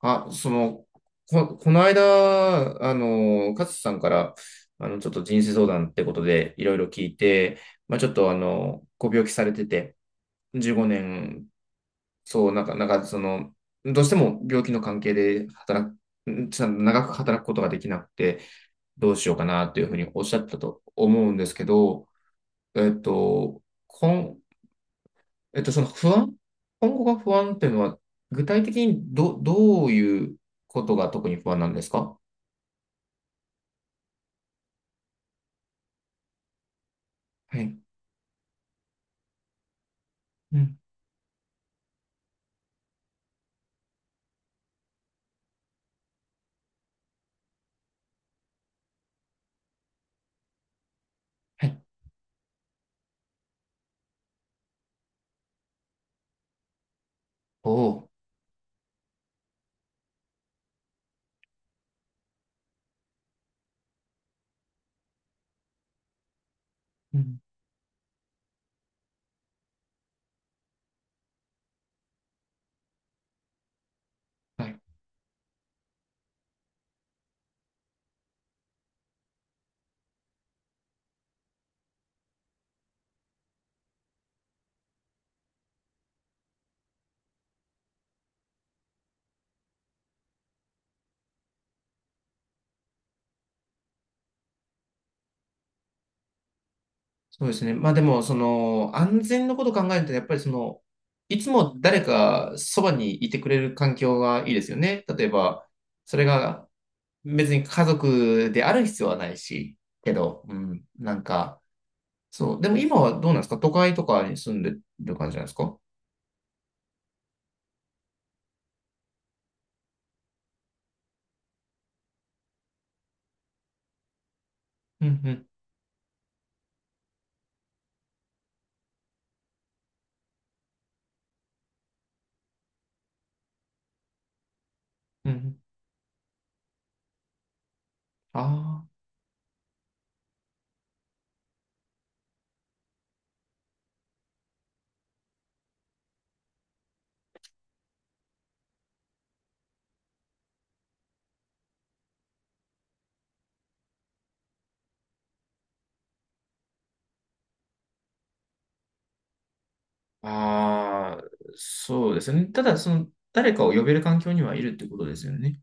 あ、その、この間、勝さんから、ちょっと人生相談ってことで、いろいろ聞いて、まあ、ちょっと、ご病気されてて、15年、そう、なんか、その、どうしても病気の関係で働く、んちょっと長く働くことができなくて、どうしようかな、というふうにおっしゃったと思うんですけど、えっと、こんえっと、その不安、今後が不安っていうのは、具体的にどういうことが特に不安なんですか？はい。うん。はい。おお。うん。はい。そうですね。まあでも、その、安全のことを考えると、やっぱりその、いつも誰かそばにいてくれる環境がいいですよね。例えば、それが別に家族である必要はないし、けど、うん。なんか、そう。でも今はどうなんですか？都会とかに住んでる感じなんですか？うんうん。うんうん。ああ。ああ、そうですね。ただ、その、誰かを呼べる環境にはいるってことですよね。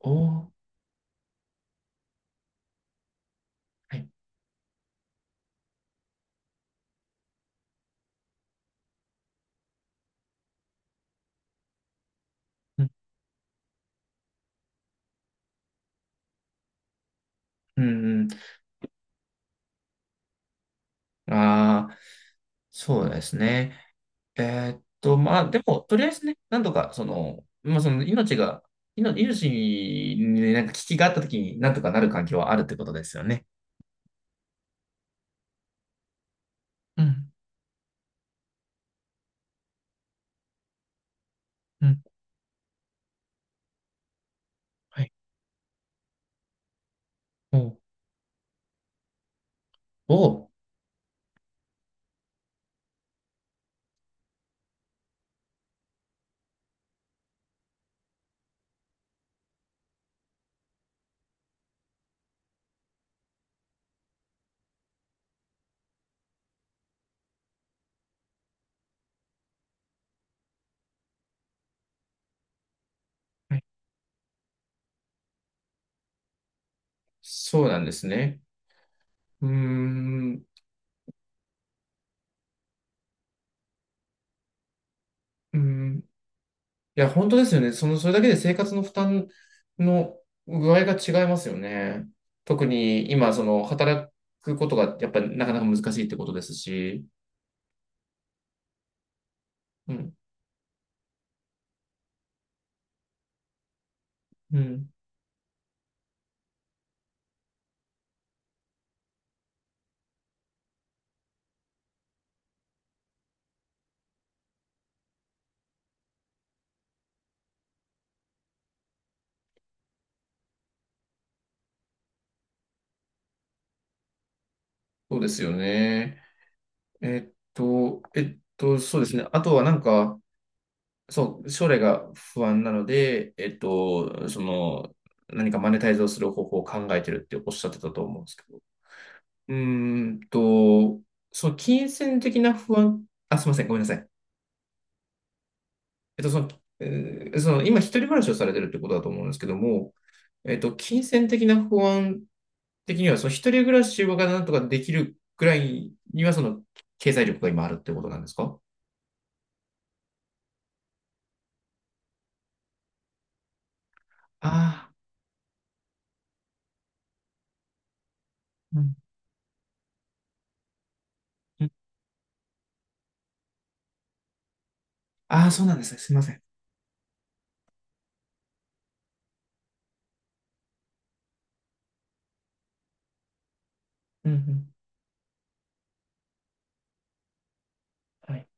おー、はい。うん、うん、うん。ああ、そうですね。まあ、でも、とりあえずね、なんとか、その、まあ、その、命が、命にねなんか危機があったときに、なんとかなる環境はあるってことですよね。うん、うん、はい。おー、おー、はい。そうなんですね。うーん、うーん。いや、本当ですよね。その、それだけで生活の負担の具合が違いますよね。特に今、その、働くことがやっぱりなかなか難しいってことですし。うん。うん。そうですよね。そうですね。あとはなんか、そう、将来が不安なので、えっと、その、何かマネタイズをする方法を考えてるっておっしゃってたと思うんですけど。うーんと、その金銭的な不安、あ、すみません。ごめんなさい。えっと、その、えーその今、一人暮らしをされてるってことだと思うんですけども、えっと、金銭的な不安的には、その一人暮らしがなんとかできるくらいには、その経済力が今あるってことなんですか？ああ、うん、うんああ、そうなんですね。すいません。うん、うん。はい。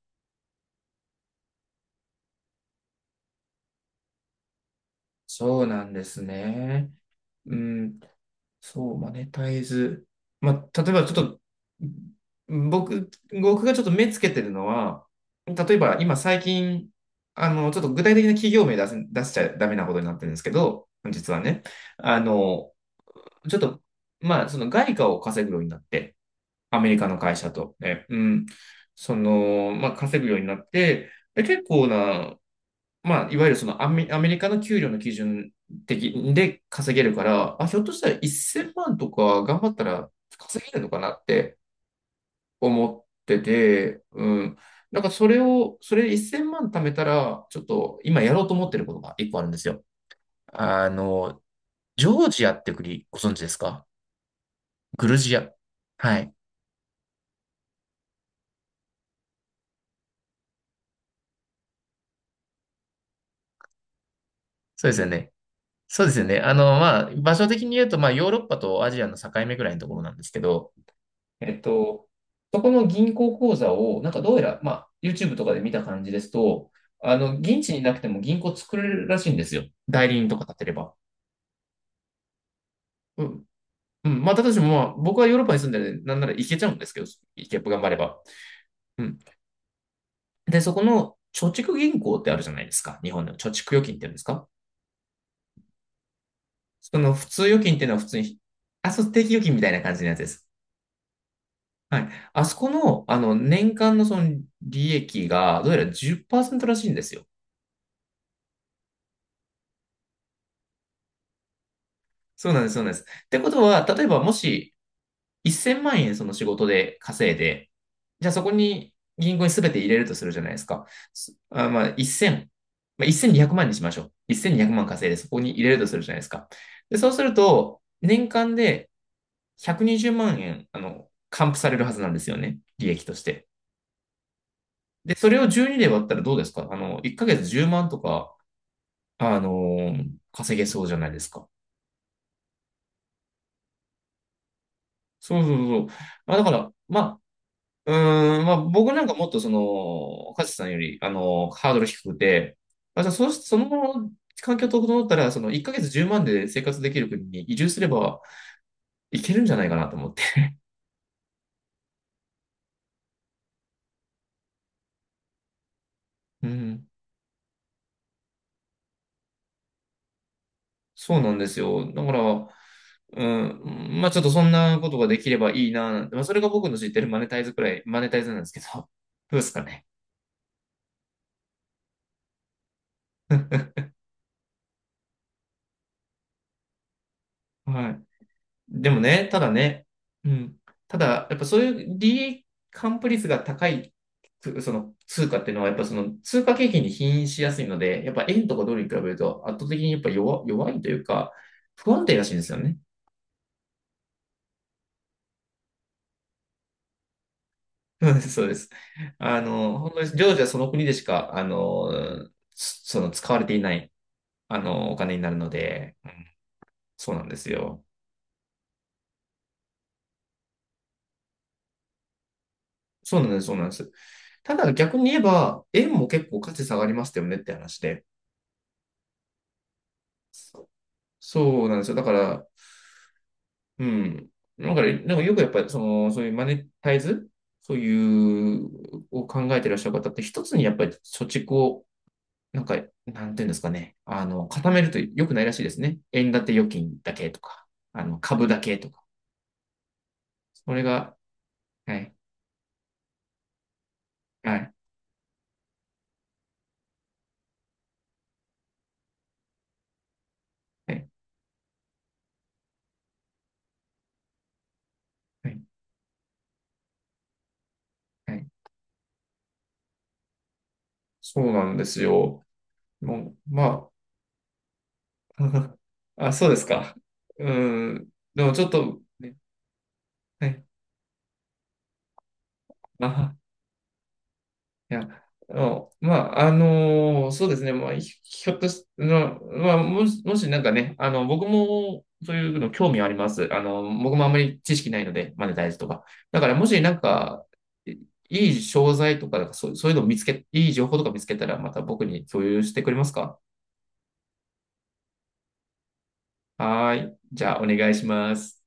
そうなんですね。うんそう、マネタイズ。まあ、例えばちょっと、僕、僕がちょっと目つけてるのは、例えば今最近、あの、ちょっと具体的な企業名出しちゃダメなことになってるんですけど、実はね、あの、ちょっと、まあ、その外貨を稼ぐようになって、アメリカの会社と、ね、うん、その、まあ、稼ぐようになって、で結構なまあ、いわゆるそのアメリカの給料の基準的で稼げるから、あ、ひょっとしたら1000万とか頑張ったら稼げるのかなって思ってて、うん。なんかそれを、それ1000万貯めたら、ちょっと今やろうと思ってることが一個あるんですよ。あの、ジョージアって国ご存知ですか？グルジア。はい。そうですよね。そうですよね。あの、まあ、場所的に言うと、まあ、ヨーロッパとアジアの境目ぐらいのところなんですけど、えっと、そこの銀行口座を、なんかどうやら、まあ、YouTube とかで見た感じですと、あの、現地になくても銀行作れるらしいんですよ。代理人とか立てれば。うん。うん。まあ、私もまあ、僕はヨーロッパに住んでるんで、なんなら行けちゃうんですけど、行けば頑張れば。うん。で、そこの貯蓄銀行ってあるじゃないですか。日本の貯蓄預金って言うんですか？その普通預金っていうのは普通に、あ、そう、定期預金みたいな感じのやつです。はい。あそこの、あの、年間のその利益が、どうやら10%らしいんですよ。そうなんです、そうなんです。ってことは、例えばもし1000万円その仕事で稼いで、じゃあそこに銀行に全て入れるとするじゃないですか。すあ、まあ1000、まあ、1200万にひゃくまんにしましょう。1200万稼いでそこに入れるとするじゃないですか。で、そうすると、年間で120万円、あの、還付されるはずなんですよね。利益として。で、それを12で割ったらどうですか？あの、1ヶ月10万とか、あのー稼げそうじゃないですか。そうそうそう。まあだから、まあ僕なんかもっとその、カズさんより、あの、ハードル低くて、あ、じゃあそ、その環境整ったら、その1ヶ月10万で生活できる国に移住すればいけるんじゃないかなと思って。うん、そうなんですよ。だから、うん、まあちょっとそんなことができればいいな、なんて、まあそれが僕の知ってるマネタイズくらい、マネタイズなんですけど、どうですかね。はい。でもね、ただね、うん。ただ、やっぱそういう利益還付率が高い、その通貨っていうのは、やっぱその通貨景気に起因しやすいので、やっぱ円とかドルに比べると圧倒的にやっぱ弱いというか、不安定らしいんですよね。うんそうです。あの、本当に常時はその国でしか、あの、その使われていない、あの、お金になるので、うんそうなんですよ。そうなんです、そうなんです。ただ逆に言えば、円も結構価値下がりましたよねって話で。そうなんですよ。だから、うん。だから、なんかよくやっぱり、その、そういうマネタイズ、そういう、を考えてらっしゃる方って、一つにやっぱり貯蓄を、なんか、なんていうんですかね。あの、固めると良くないらしいですね。円建て預金だけとか、あの、株だけとか。それが、はい、はい、はい、はい、はい。そうなんですよ。もう、まあ、あ、そうですか。うん。でもちょっと、ね、はい。あははいや、あのまあ、あのそうですね、まあ、ひひょっとし、の、まあ、もしなんかね、あの、僕もそういうの興味あります。あの、僕もあんまり知識ないので、マネタイズとか。だから、もしなんか、いい商材とか、なんかそう、いい情報とか見つけたら、また僕に共有してくれますか？はーい。じゃあ、お願いします。